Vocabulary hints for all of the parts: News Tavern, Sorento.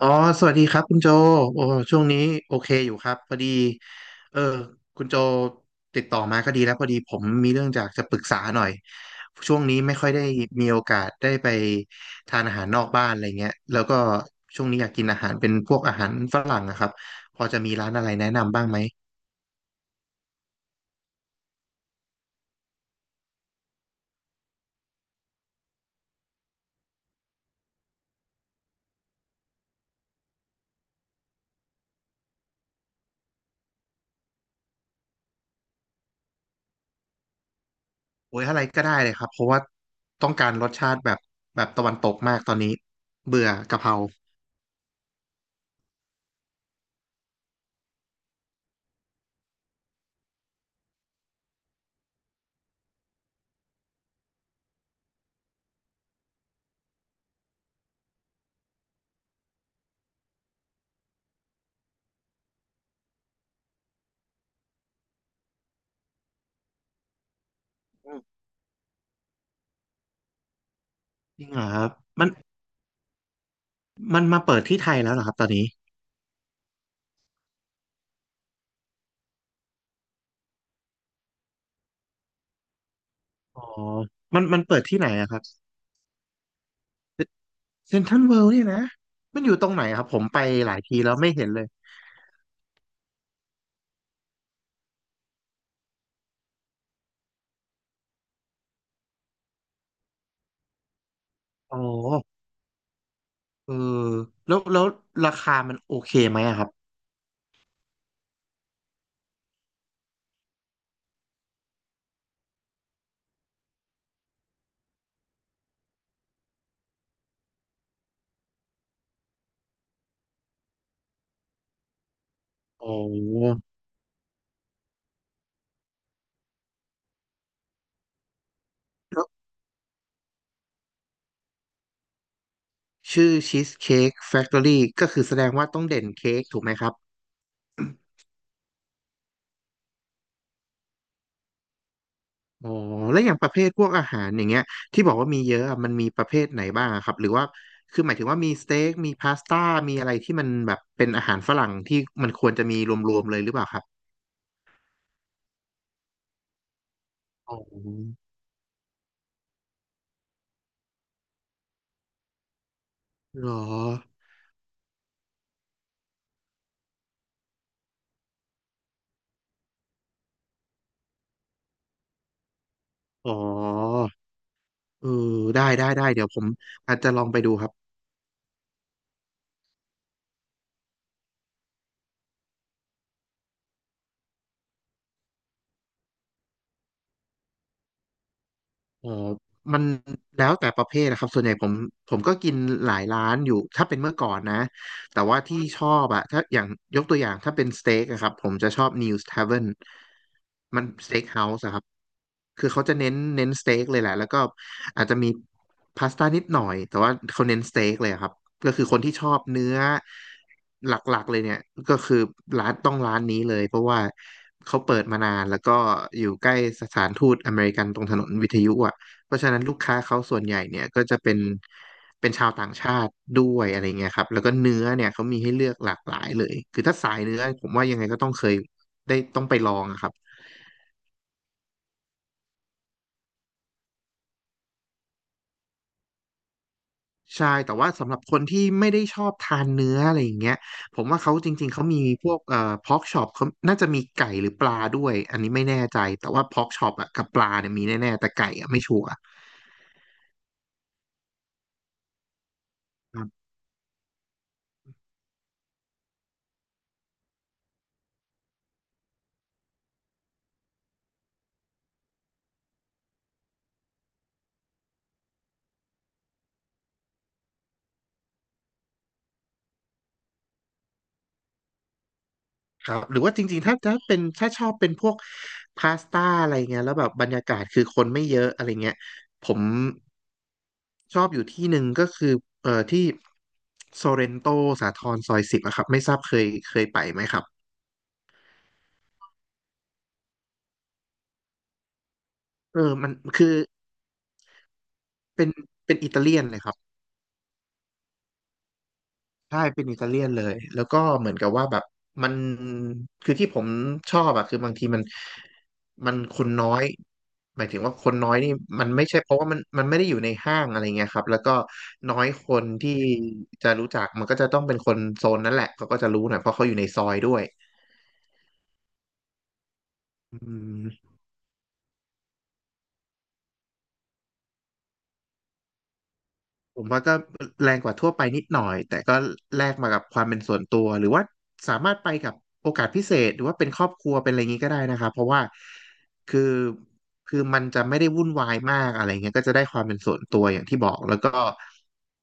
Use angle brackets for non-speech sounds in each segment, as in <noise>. อ๋อสวัสดีครับคุณโจโอ้ช่วงนี้โอเคอยู่ครับพอดีเออคุณโจติดต่อมาก็ดีแล้วพอดีผมมีเรื่องจากจะปรึกษาหน่อยช่วงนี้ไม่ค่อยได้มีโอกาสได้ไปทานอาหารนอกบ้านอะไรเงี้ยแล้วก็ช่วงนี้อยากกินอาหารเป็นพวกอาหารฝรั่งอะครับ พอจะมีร้านอะไรแนะนำบ้างไหมโอ้ยอะไรก็ได้เลยครับ เพราะว่าต้องการรสชาติแบบตะวันตกมากตอนนี้เบื่อกะเพราจริงเหรอครับมันมันมาเปิดที่ไทยแล้วเหรอครับตอนนี้ อ๋อมันเปิดที่ไหนอะครับเซ็นทรัลเวิลด์เนี่ยนะ มันอยู่ตรงไหนอะครับผมไปหลายทีแล้วไม่เห็นเลยอ๋อเออแล้วราคามันโอเคไหมอะครับอ๋อแล้วชื่อชีสเค้กแฟ c ทอรี่ก็คือแสดงว่าต้องเด่นเค้กถูกไหมครับอ๋อแล้วอย่างประเภทพวกอาหารอย่างเงี้ยที่บอกว่ามีเยอะอะมันมีประเภทไหนบ้างอะครับหรือว่าคือหมายถึงว่ามีสเต็กมีพาสต้ามีอะไรที่มันแบบเป็นอาหารฝรั่งที่มันควรจะมีรวมๆเลยหรือเปล่าครับอ๋อเหรอ อ๋อเออได้ได้ได้เดี๋ยวผมอาจจะลองไปดูครับ อ๋อมันแล้วแต่ประเภทนะครับส่วนใหญ่ผมก็กินหลายร้านอยู่ถ้าเป็นเมื่อก่อนนะ แต่ว่าที่ชอบอะถ้าอย่างยกตัวอย่างถ้าเป็นสเต็กอะครับผมจะชอบ News Tavern มันสเต็กเฮาส์อะครับ คือเขาจะเน้นสเต็กเลยแหละแล้วก็อาจจะมีพาสต้านิดหน่อยแต่ว่าเขาเน้นสเต็กเลยอะครับ ก็คือคนที่ชอบเนื้อหลักๆเลยเนี่ยก็คือร้านต้องร้านนี้เลยเพราะว่าเขาเปิดมานานแล้วก็อยู่ใกล้สถานทูตอเมริกันตรงถนนวิทยุอ่ะ เพราะฉะนั้นลูกค้าเขาส่วนใหญ่เนี่ยก็จะเป็นชาวต่างชาติด้วยอะไรเงี้ยครับแล้วก็เนื้อเนี่ยเขามีให้เลือกหลากหลายเลยคือถ้าสายเนื้อผมว่ายังไงก็ต้องเคยได้ต้องไปลองอะครับใช่แต่ว่าสำหรับคนที่ไม่ได้ชอบทานเนื้ออะไรอย่างเงี้ยผมว่าเขาจริงๆเขามีพวกพอกช็อปเขาน่าจะมีไก่หรือปลาด้วยอันนี้ไม่แน่ใจแต่ว่าพอกช็อปอะกับปลาเนี่ยมีแน่ๆแต่ไก่อะไม่ชัวร์ ครับหรือว่าจริงๆถ้าเป็นถ้าชอบเป็นพวกพาสต้าอะไรเงี้ยแล้วแบบบรรยากาศคือคนไม่เยอะอะไรเงี้ยผมชอบอยู่ที่หนึ่งก็คือที่โซเรนโตสาทรซอย 10อะครับไม่ทราบเคยไปไหมครับเออมันคือเป็นอิตาเลียนเลยครับ ใช่เป็นอิตาเลียนเลยแล้วก็เหมือนกับว่าแบบมันคือที่ผมชอบอะคือบางทีมันคนน้อยหมายถึงว่าคนน้อยนี่มันไม่ใช่เพราะว่ามันไม่ได้อยู่ในห้างอะไรเงี้ยครับแล้วก็น้อยคนที่จะรู้จักมันก็จะต้องเป็นคนโซนนั้นแหละเขาก็จะรู้หน่อยเพราะเขาอยู่ในซอยด้วยอืม ผมว่าก็แรงกว่าทั่วไปนิดหน่อยแต่ก็แลกมากับความเป็นส่วนตัวหรือว่าสามารถไปกับโอกาสพิเศษหรือว่าเป็นครอบครัวเป็นอะไรอย่างนี้ก็ได้นะครับเพราะว่าคือมันจะไม่ได้วุ่นวายมากอะไรเงี้ยก็จะได้ความเป็นส่วนตัวอย่างที่บอกแล้วก็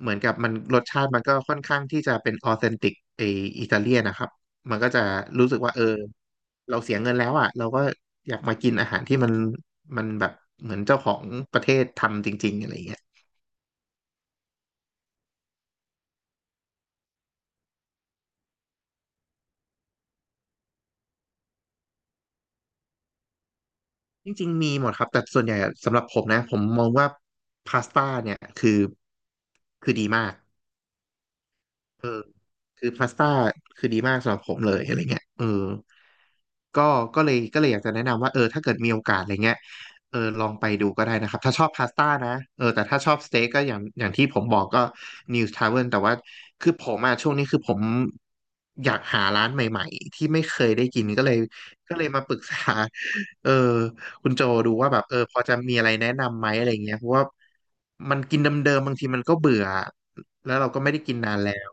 เหมือนกับมันรสชาติมันก็ค่อนข้างที่จะเป็นออเทนติกไออิตาเลียนนะครับมันก็จะรู้สึกว่าเออเราเสียเงินแล้วอ่ะเราก็อยากมากินอาหารที่มันแบบเหมือนเจ้าของประเทศทำจริงๆอะไรอย่างเงี้ย จริงๆ มีหมดครับแต่ส่วนใหญ่อะสำหรับผมนะผมมองว่าพาสต้าเนี่ยคือดีมากเออ คือพาสต้าคือดีมากสำหรับผมเลยอะไรเงี้ยเออก็ก็เลยอยากจะแนะนำว่าเออถ้าเกิดมีโอกาสอะไรเงี้ยเออลองไปดูก็ได้นะครับถ้าชอบพาสต้านะเออแต่ถ้าชอบสเต็กก็อย่างที่ผมบอกก็ News Tavern แต่ว่าคือผมอะช่วงนี้คือผมอยากหาร้านใหม่ๆที่ไม่เคยได้กินก็เลยมาปรึกษาเออคุณโจดูว่าแบบเออพอจะมีอะไรแนะนำไหมอะไรเงี้ยเพราะว่ามันกินเดิมๆบางทีมันก็เบื่อแล้วเราก็ไม่ได้กินนานแล้ว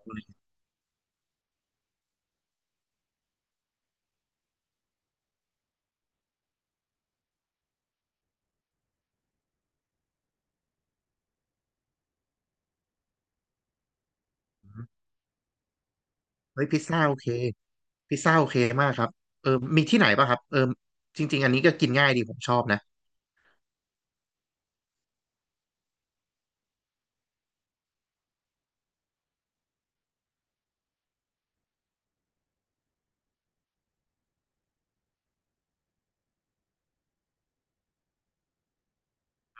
เฮ้ยพิซซ่าโอเคพิซซ่าโอเคมากครับเออมีที่ไหนป่ะครับเออจริงๆอันนี้ก็กินง่ายดีผมชอบนะ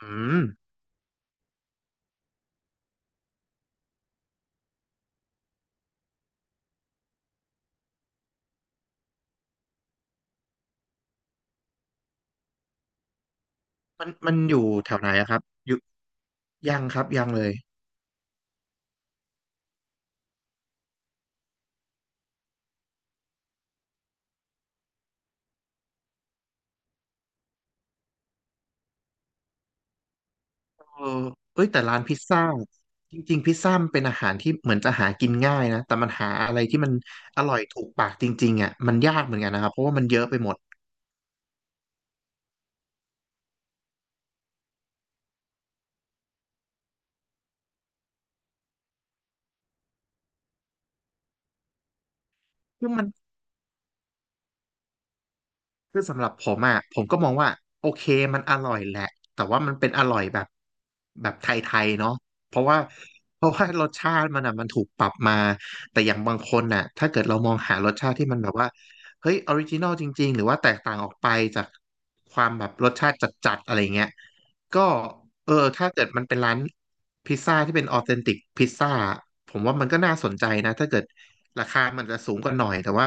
อืมมันอยู่แถวไหนอะครับอยู่ยังครับยังเลยเออเอ้ยแต่ร้านพิซซ่าจริงๆพิซซ่ามันเป็นอาหารที่เหมือนจะหากินง่ายนะแต่มันหาอะไรที่มันอร่อยถูกปากจริงๆอ่ะมันยากเหมือนกันนะครับเพราะว่ามันเยอะไปหมดคือมัน คือสำหรับผมอ่ะผมก็มองว่าโอเคมันอร่อยแหละแต่ว่ามันเป็นอร่อยแบบแบบไทยๆเนาะเพราะว่าเพราะว่ารสชาติมันอ่ะมันถูกปรับมาแต่อย่างบางคนน่ะถ้าเกิดเรามองหารสชาติที่มันแบบว่าเฮ้ยออริจินอลจริงๆหรือว่าแตกต่างออกไปจากความแบบรสชาติจัดๆอะไรเงี้ยก็เออถ้าเกิดมันเป็นร้านพิซซ่าที่เป็นออเทนติกพิซซ่าผมว่ามันก็น่าสนใจนะถ้าเกิดราคามันจะสูงกว่าหน่อยแต่ว่า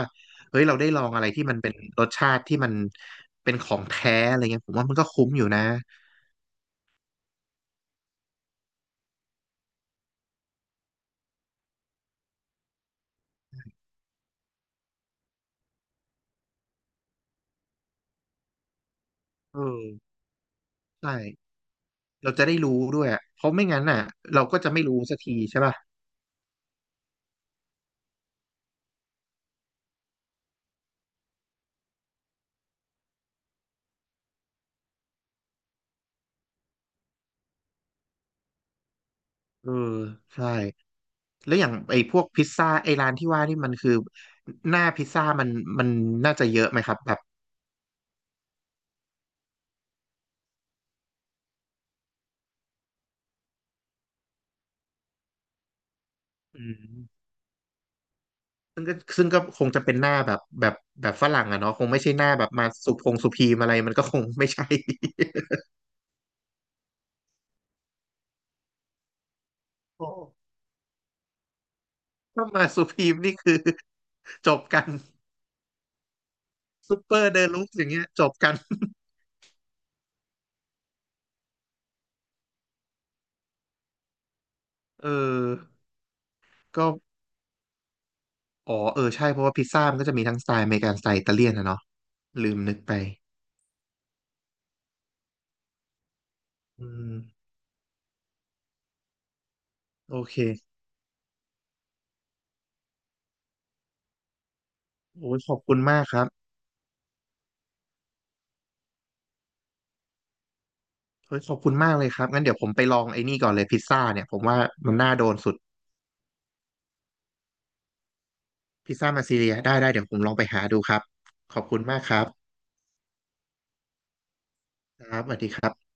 เฮ้ยเราได้ลองอะไรที่มันเป็นรสชาติที่มันเป็นของแท้อะไรเงี้ยผมว่ามันก็คุ้มอยู่นะเออใช่เราจะได้รู้ด้วยอะเพราะไม่งั้นอ่ะเราก็จะไม่รู้สักทีใช่ป่ะเออใช่แล้วอย่างไอ้พวกพิซซ่าไอ้ร้านที่ว่านี่มันคือหน้าพิซซ่ามันน่าจะเยอะไหมครับแบบอืมซึ่งก็คงจะเป็นหน้าแบบแบบฝรั่งอะเนาะคงไม่ใช่หน้าแบบมาสุพงสุพีมอะไรมันก็คงไม่ใช่ <laughs> โอ้ถ้ามาสุพีมนี่คือจบกัน ซุปเปอร์เดินลุกอย่างเงี้ยจบกัน <laughs> เออก็อ๋อเออใช่เพราะว่าพิซซ่ามันก็จะมีทั้งสไตล์อเมริกันสไตล์อิตาเลียนนะเนาะลืมนึกไปอืมโอเคโอ้ยขอบคุณมากครับเฮ้ยขอบคุณมากเลยครับงั้นเดี๋ยวผมไปลองไอ้นี่ก่อนเลยพิซซ่าเนี่ยผมว่ามันน่าโดนสุดพิซซ่ามาซีเรียได้ได้เดี๋ยวผมลองไปหาดูครับขอบคุณมากครับครับสวัสดีครับ